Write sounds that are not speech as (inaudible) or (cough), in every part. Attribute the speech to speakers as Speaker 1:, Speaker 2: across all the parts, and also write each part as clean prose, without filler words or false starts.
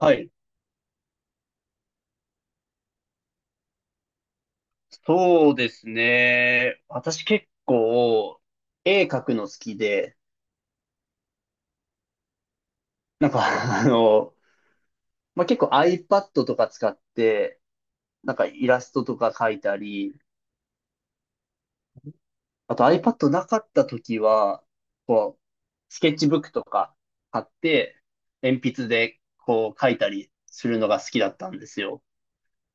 Speaker 1: はい。そうですね。私結構、絵描くの好きで、なんか (laughs) あの、まあ、結構 iPad とか使って、なんかイラストとか描いたり、あと iPad なかった時は、こう、スケッチブックとか買って、鉛筆でこう描いたりするのが好きだったんですよ。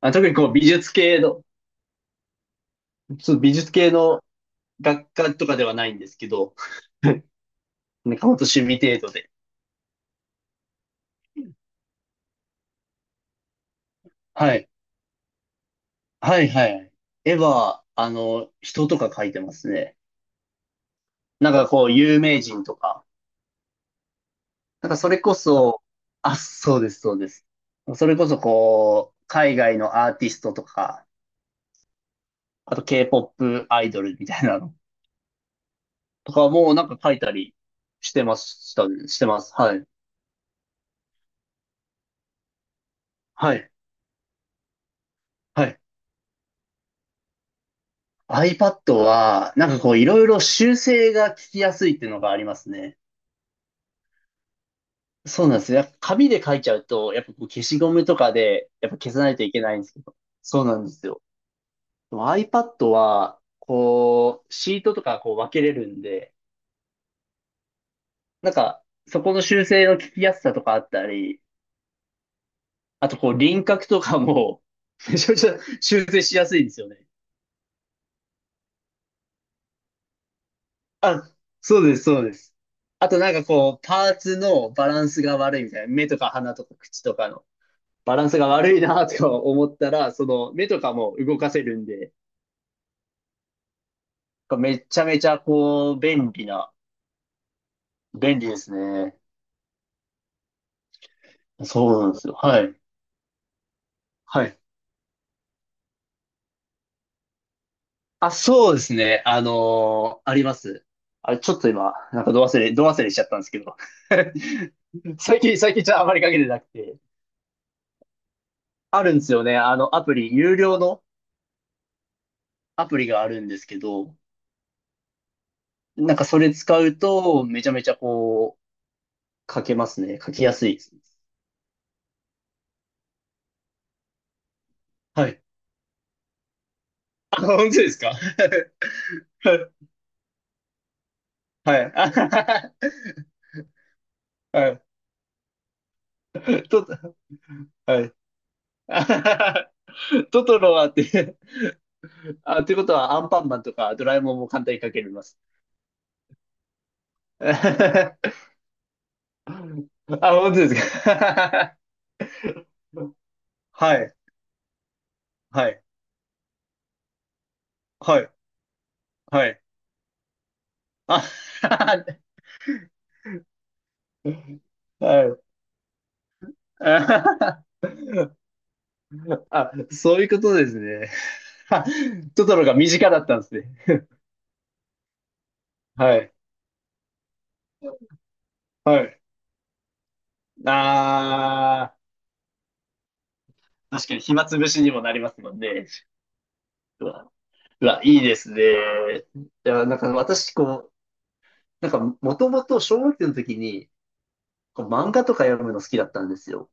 Speaker 1: あ、特にこう美術系の、ちょっと美術系の学科とかではないんですけど、(laughs) なんかほんと趣味程度で。はい。はいはい。絵は、人とか描いてますね。なんかこう、有名人とか。なんかそれこそ、あ、そうです、そうです。それこそこう、海外のアーティストとか、あと K-POP アイドルみたいなのとかもなんか描いたりしてましたね、してます。はい。はい。はい。iPad は、なんかこう、いろいろ修正が効きやすいっていうのがありますね。そうなんですよ。やっぱ紙で書いちゃうと、やっぱこう消しゴムとかで、やっぱ消さないといけないんですけど。そうなんですよ。でも iPad は、こう、シートとかこう分けれるんで、なんか、そこの修正の聞きやすさとかあったり、あとこう輪郭とかも、めちゃめちゃ修正しやすいんですよね。あ、そうです、そうです。あとなんかこう、パーツのバランスが悪いみたいな。目とか鼻とか口とかのバランスが悪いなとか思ったら、その目とかも動かせるんで、めちゃめちゃこう、便利な、便利ですね。そうなんですよ。はい。はい。あ、そうですね。あります。ちょっと今、なんかど忘れしちゃったんですけど。(laughs) 最近ちょっとあまりかけてなくて。あるんですよね。アプリ、有料のアプリがあるんですけど、なんかそれ使うと、めちゃめちゃこう、書けますね。書きやすいです。はい。あ、本当ですか？ (laughs) はい。あはははは。い。ちょっと、はい。あははは。トトロはって、あ、ということはアンパンマンとかドラえもんも簡単にかけれます？(laughs) あ、本当ですか。(laughs) はい、はい、はい、はい。あ、(laughs) はい。あ、そういうことですね。(laughs) トトロが身近だったんですね。はい、はい。ああ、確かに暇つぶしにもなりますもんね。うわ、うわ、いいですね。いや、なんか私、こう、なんか、もともと小学生の時に、こう漫画とか読むの好きだったんですよ。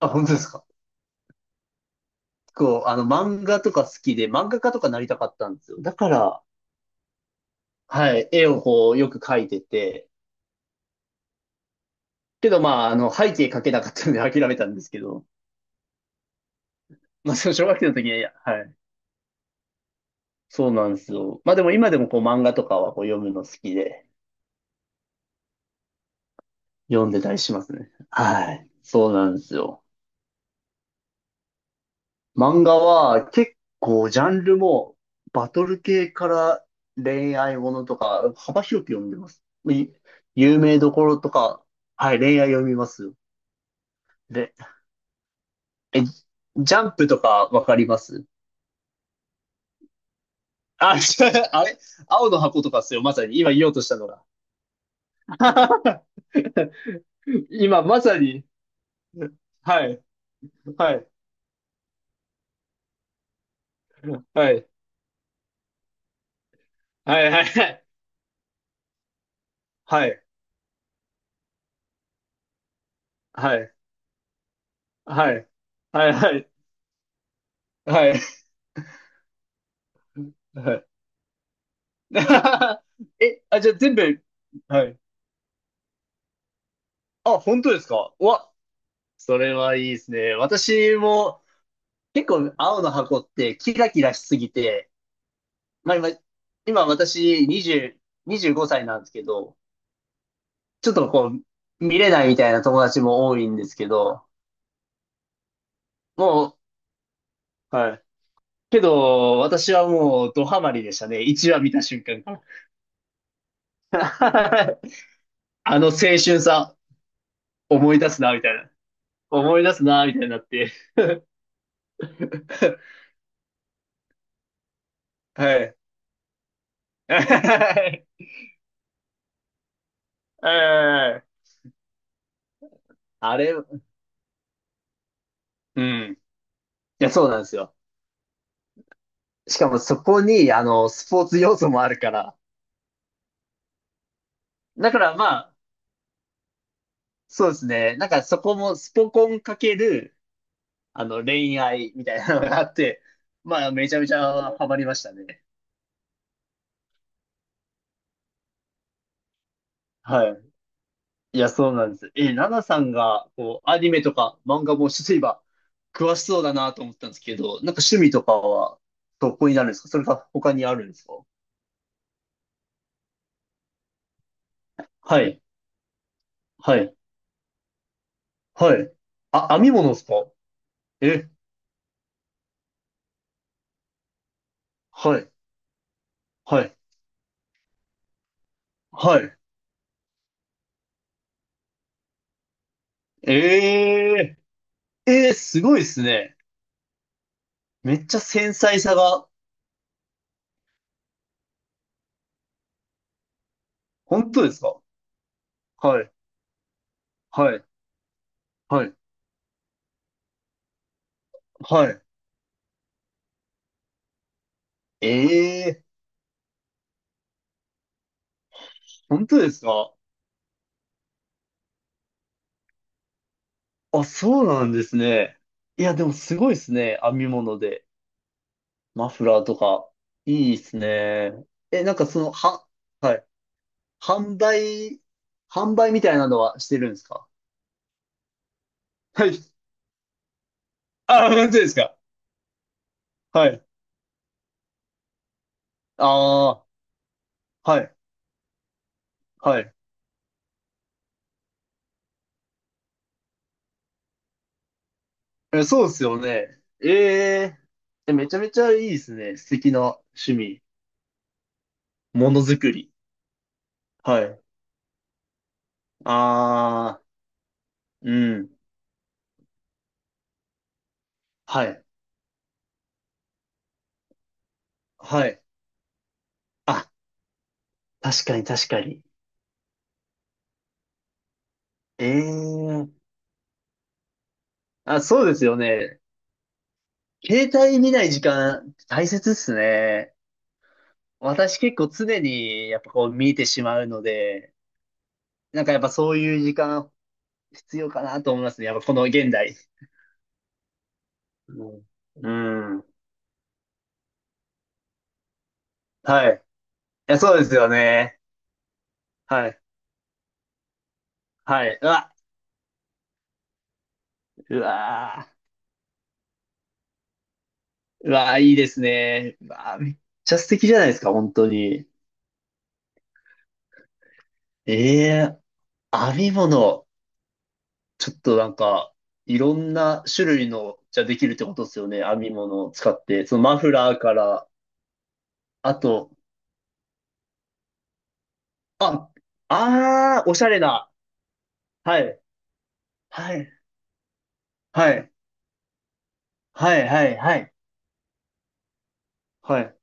Speaker 1: あ、本当ですか。こう、漫画とか好きで、漫画家とかなりたかったんですよ。だから、はい、絵をこう、よく描いてて、けど、まあ、背景描けなかったので諦めたんですけど、まあ、その小学生の時に、はい、そうなんですよ。まあ、でも今でもこう、漫画とかはこう、読むの好きで、読んでたりしますね。はい、そうなんですよ。漫画は結構ジャンルもバトル系から恋愛ものとか幅広く読んでます。い、有名どころとか、はい、恋愛読みますよ。で、え、ジャンプとかわかります？あ、(laughs) 違う、あれ青の箱とかっすよ、まさに。今言おうとしたのが。(laughs) 今まさに。はい、はい、はい、はい、はい、はい、はい、はい、はい、はい、はい。はい。 (laughs) え、あ、じゃあ全部、はい。あ、本当ですか？うわ、それはいいですね。私も結構青の箱ってキラキラしすぎて、まあ今、今私20、25歳なんですけど、ちょっとこう、見れないみたいな友達も多いんですけど、もう、はい。けど、私はもうドハマりでしたね。1話見た瞬間から。(laughs) あの青春さ、思い出すな、みたいな。思い出すな、みたいになって。(laughs) はい。(laughs) うん、あれ、うん。いや、そうなんですよ。しかもそこに、スポーツ要素もあるから。だからまあ、そうですね。なんかそこもスポコンかける、恋愛みたいなのがあって、まあ、めちゃめちゃハマりましたね。はい。いや、そうなんです。え、ナナさんが、こう、アニメとか漫画も例えば、詳しそうだなと思ったんですけど、なんか趣味とかは、どこになるんですか？それか他にあるんですか？はい。はい。はい。あ、編み物ですか？え、はい、はい、はい。えー、えー、すごいですね。めっちゃ繊細さが、本当ですか？はい、はい、はい、はい。えー、本当ですか？あ、そうなんですね。いや、でもすごいですね。編み物で。マフラーとか。いいですね。え、なんかその、は、はい。販売、販売みたいなのはしてるんですか？はい。あ、本当ですか？はい。ああ。はい、はい。え、そうですよね。え、え、え、めちゃめちゃいいですね。素敵な趣味。ものづくり。はい。ああ、うん。はい、はい。あ、確かに確かに。え、え、あ、そうですよね。携帯見ない時間大切っすね。私結構常にやっぱこう見てしまうので、なんかやっぱそういう時間必要かなと思いますね。やっぱこの現代。うん。うん、はい。いや、そうですよね。はい。はい。うわ、うわー、うわー、いいですね。うわー、めっちゃ素敵じゃないですか、本当に。え、えー、編み物。ちょっとなんか、いろんな種類の、じゃできるってことですよね。編み物を使って。そのマフラーから、あと、あ、あー、おしゃれな。はい。はい。はい。はい。はい。はい。はい。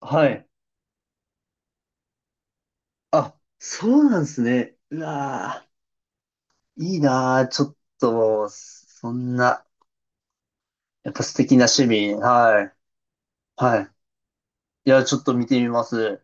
Speaker 1: はい。あ、そうなんですね。うわー、いいなー。ちょっと、そんな。やっぱ素敵な趣味。はい。はい。いや、ちょっと見てみます。